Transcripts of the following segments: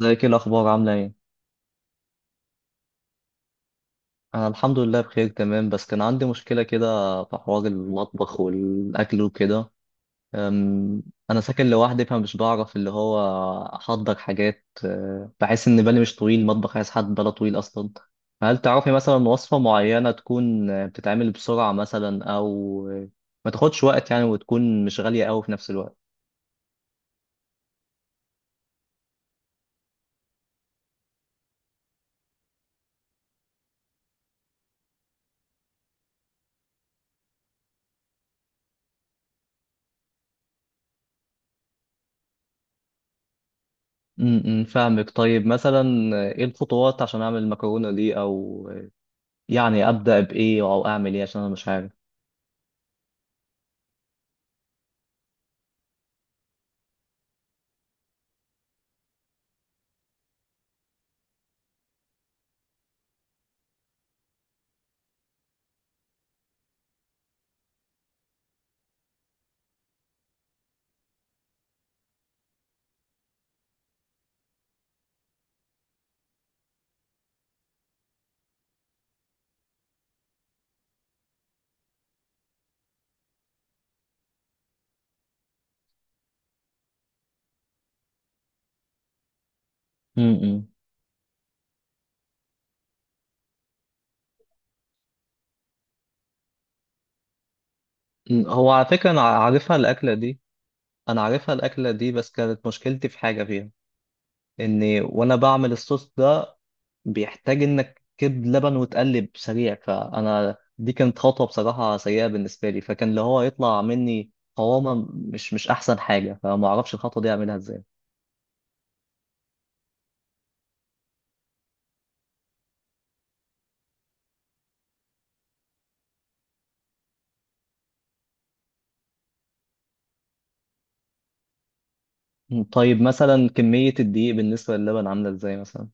ازيك؟ ايه الاخبار؟ عامله ايه؟ انا الحمد لله بخير تمام، بس كان عندي مشكله كده في حوار المطبخ والاكل وكده. أم، انا ساكن لوحدي فمش بعرف اللي هو احضر حاجات، بحس ان بالي مش طويل، المطبخ عايز حد باله طويل اصلا. هل تعرفي مثلا وصفه معينه تكون بتتعمل بسرعه مثلا، او أه، ما تاخدش وقت يعني، وتكون مش غاليه قوي في نفس الوقت؟ امم، فاهمك. طيب مثلا ايه الخطوات عشان اعمل المكرونه دي؟ او يعني ابدا بايه او اعمل ايه؟ عشان انا مش عارف. امم. هو على فكره انا عارفها الاكله دي، انا عارفها الاكله دي بس كانت مشكلتي في حاجه فيها. ان وانا بعمل الصوص ده بيحتاج انك تكب لبن وتقلب سريع، فانا دي كانت خطوه بصراحه سيئه بالنسبه لي، فكان اللي هو يطلع مني قوامه مش احسن حاجه، فما اعرفش الخطوه دي اعملها ازاي. مم. طيب مثلا كميه الدقيق بالنسبه للبن عامله ازاي مثلا؟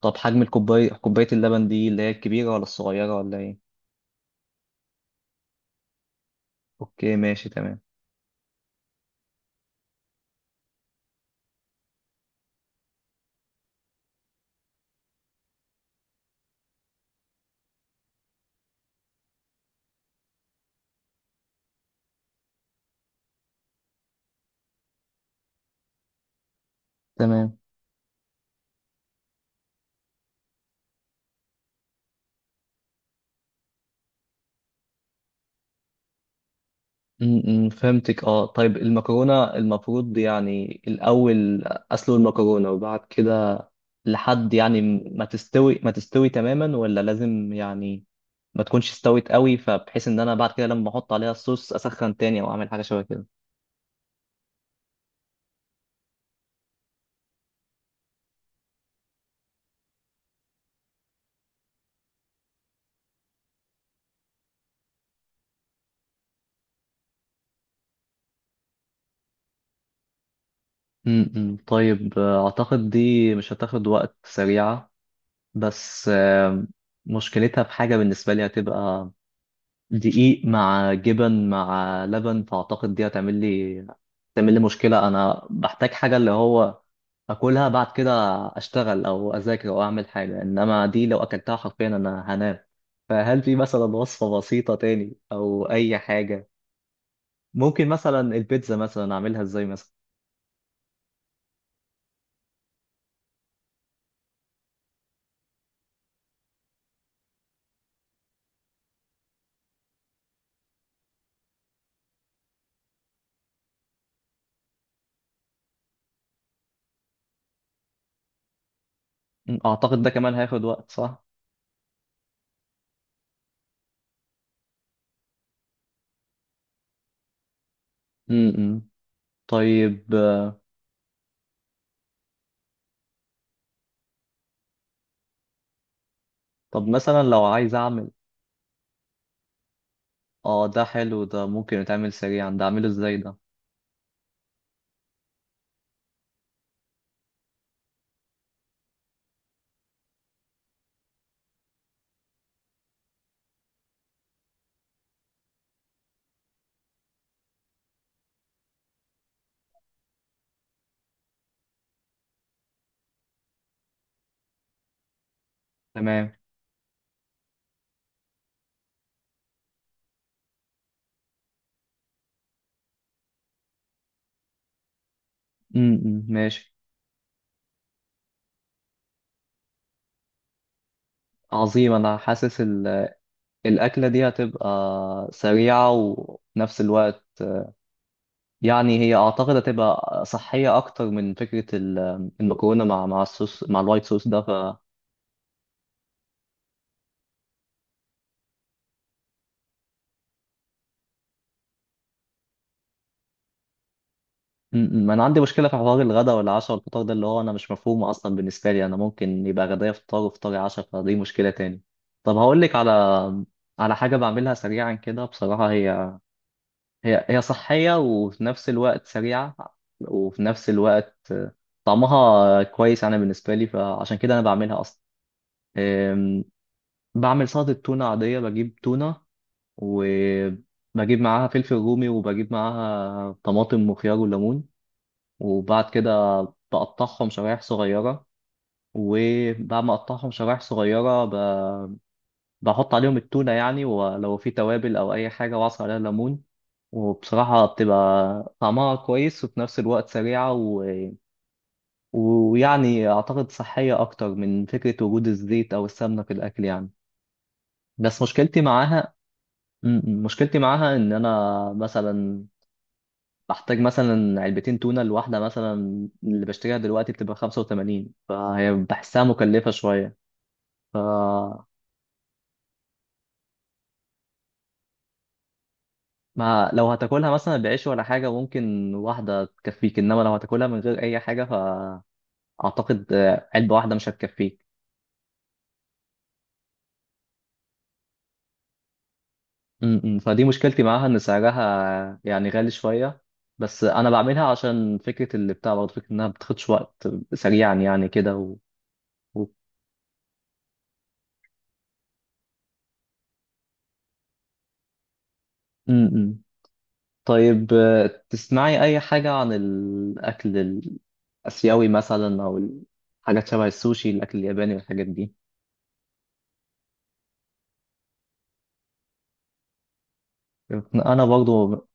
طب حجم الكوبايه، كوبايه اللبن دي اللي هي الكبيره ولا الصغيره ولا ايه؟ اوكي، ماشي، تمام. تمام. م- م، فهمتك. اه، طيب المكرونه المفروض يعني الاول اسلق المكرونه وبعد كده لحد يعني ما تستوي تماما، ولا لازم يعني ما تكونش استوت قوي فبحيث ان انا بعد كده لما احط عليها الصوص اسخن تاني او اعمل حاجه شبه كده؟ م- م، طيب اعتقد دي مش هتاخد وقت، سريعه. بس مشكلتها في حاجه، بالنسبه لي هتبقى دقيق مع جبن مع لبن، فأعتقد دي هتعمل لي تعمل لي مشكلة. أنا بحتاج حاجة اللي هو أكلها بعد كده أشتغل أو أذاكر أو أعمل حاجة، إنما دي لو أكلتها حرفيا أنا هنام. فهل في مثلا وصفة بسيطة تاني أو أي حاجة؟ ممكن مثلا البيتزا مثلا أعملها إزاي مثلا؟ م، أعتقد ده كمان هياخد وقت، صح؟ امم. طيب طب مثلا لو عايز أعمل، آه ده حلو ده، ممكن يتعمل سريعا ده؟ أعمله إزاي ده؟ تمام. امم، ماشي. عظيم. أنا حاسس الأكلة دي هتبقى سريعة وفي الوقت يعني، هي أعتقد هتبقى صحية أكتر من فكرة المكرونة مع الصوص مع الوايت صوص ده، ف م. أنا عندي مشكلة في حوار الغداء والعشاء والفطار ده، اللي هو أنا مش مفهوم أصلا بالنسبة لي، أنا ممكن يبقى غدايا فطار وفطاري عشاء، فدي مشكلة تاني. طب هقول لك على، على حاجة بعملها سريعا كده بصراحة. هي صحية وفي نفس الوقت سريعة وفي نفس الوقت طعمها كويس أنا بالنسبة لي، فعشان كده أنا بعملها أصلا. أم، بعمل سلطة تونة عادية. بجيب تونة وبجيب معاها فلفل رومي وبجيب معاها طماطم وخيار وليمون، وبعد كده بقطعهم شرايح صغيرة، وبعد ما أقطعهم شرايح صغيرة بحط عليهم التونة يعني، ولو في توابل أو أي حاجة وأعصر عليها ليمون. وبصراحة بتبقى طعمها كويس وفي نفس الوقت سريعة و... ويعني أعتقد صحية أكتر من فكرة وجود الزيت أو السمنة في الأكل يعني. بس مشكلتي معاها، مشكلتي معاها إن أنا مثلا بحتاج مثلا علبتين تونة، الواحدة مثلا اللي بشتريها دلوقتي بتبقى 85، فهي بحسها مكلفة شوية. ف ما لو هتاكلها مثلا بعيش ولا حاجة ممكن واحدة تكفيك، إنما لو هتاكلها من غير أي حاجة فأعتقد علبة واحدة مش هتكفيك. م. فدي مشكلتي معاها ان سعرها يعني غالي شويه، بس انا بعملها عشان فكره اللي بتاع برضه فكره انها بتاخدش وقت، سريعا يعني كده و... و... م- م. طيب تسمعي اي حاجه عن الاكل الاسيوي مثلا، او الحاجات شبه السوشي، الاكل الياباني والحاجات دي؟ انا برضه،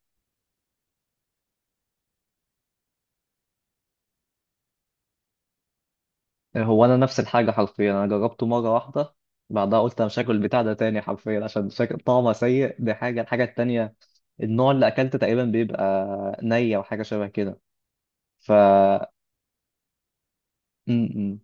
هو انا نفس الحاجه حرفيا، انا جربته مره واحده بعدها قلت انا مش هاكل البتاع ده تاني حرفيا عشان شكل طعمه سيء. دي حاجه. الحاجه التانيه، النوع اللي اكلته تقريبا بيبقى نية وحاجه شبه كده. ف م.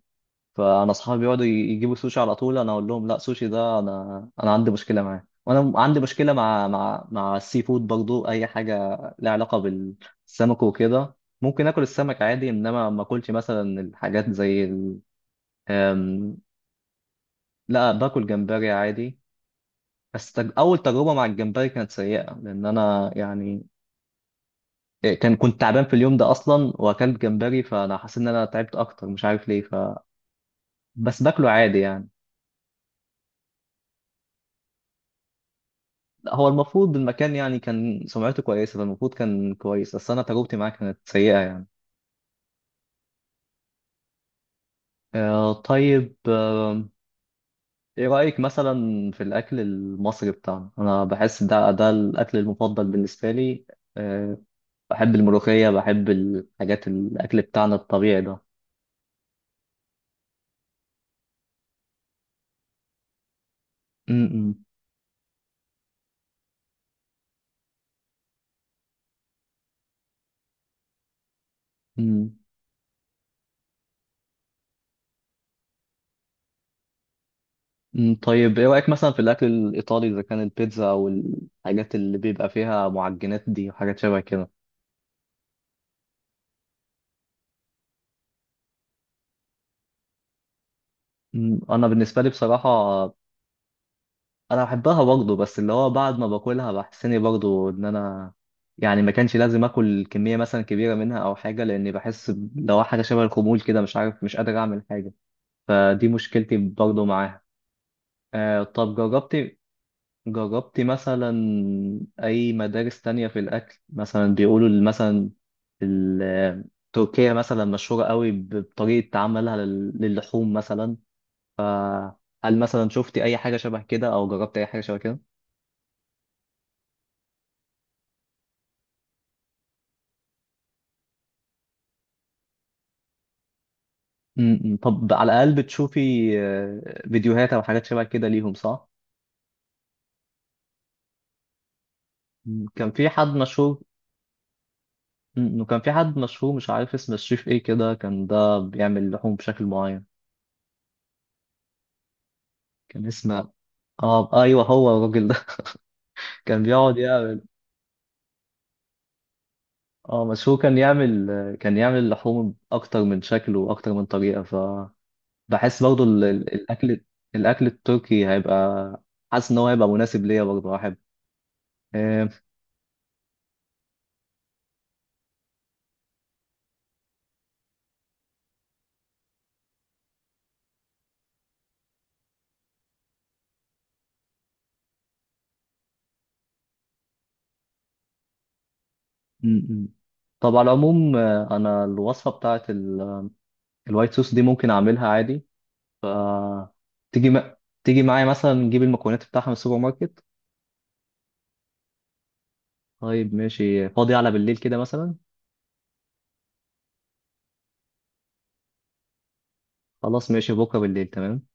فانا اصحابي بيقعدوا يجيبوا سوشي على طول، انا اقول لهم لا، سوشي ده انا، انا عندي مشكله معاه. وانا عندي مشكله مع السي فود برضو، اي حاجه لها علاقه بالسمك وكده. ممكن اكل السمك عادي، انما ما اكلش مثلا الحاجات زي ال... أم، لا، باكل جمبري عادي. بس اول تجربه مع الجمبري كانت سيئه، لان انا يعني كان، كنت تعبان في اليوم ده اصلا واكلت جمبري، فانا حاسس ان انا تعبت اكتر، مش عارف ليه. ف بس باكله عادي يعني. لا، هو المفروض المكان يعني كان سمعته كويسه فالمفروض كان كويس، بس انا تجربتي معاه كانت سيئه يعني. آه، طيب آه، ايه رايك مثلا في الاكل المصري بتاعنا؟ انا بحس ده الاكل المفضل بالنسبه لي. آه، بحب الملوخيه، بحب الحاجات، الاكل بتاعنا الطبيعي ده. م- م- م. مم، طيب ايه رأيك مثلا في الأكل الإيطالي، إذا كان البيتزا أو الحاجات اللي بيبقى فيها معجنات دي وحاجات شبه كده؟ مم، أنا بالنسبة لي بصراحة أنا بحبها برضه، بس اللي هو بعد ما باكلها بحس إني برضه إن أنا يعني ما كانش لازم آكل كمية مثلا كبيرة منها أو حاجة، لأني بحس لو حاجة شبه الخمول كده، مش عارف، مش قادر أعمل حاجة. فدي مشكلتي برضه معاها. آه، طب جربت، جربتي مثلا أي مدارس تانية في الأكل مثلا؟ بيقولوا مثلا ال- تركيا مثلا مشهورة قوي بطريقة عملها للحوم مثلا. هل مثلا شفتي أي حاجة شبه كده أو جربتي أي حاجة شبه كده؟ م. طب على الأقل بتشوفي فيديوهات أو حاجات شبه كده ليهم، صح؟ م. كان في حد مشهور، وكان في حد مشهور مش عارف اسم الشيف إيه كده، كان ده بيعمل لحوم بشكل معين. كان اسمه، اه ايوه هو الراجل ده كان بيقعد يعمل. اه، بس هو كان يعمل، كان يعمل اللحوم اكتر من شكل واكتر من طريقه. فبحس برضو الاكل التركي هيبقى، حاسس ان هو هيبقى مناسب ليا برضو، احب آه، م- م. طب على العموم انا الوصفه بتاعت الوايت صوص دي ممكن اعملها عادي. ف تيجي م... تيجي معايا مثلا نجيب المكونات بتاعها من السوبر ماركت؟ طيب ماشي، فاضي على بالليل كده مثلا؟ خلاص ماشي، بكره بالليل تمام.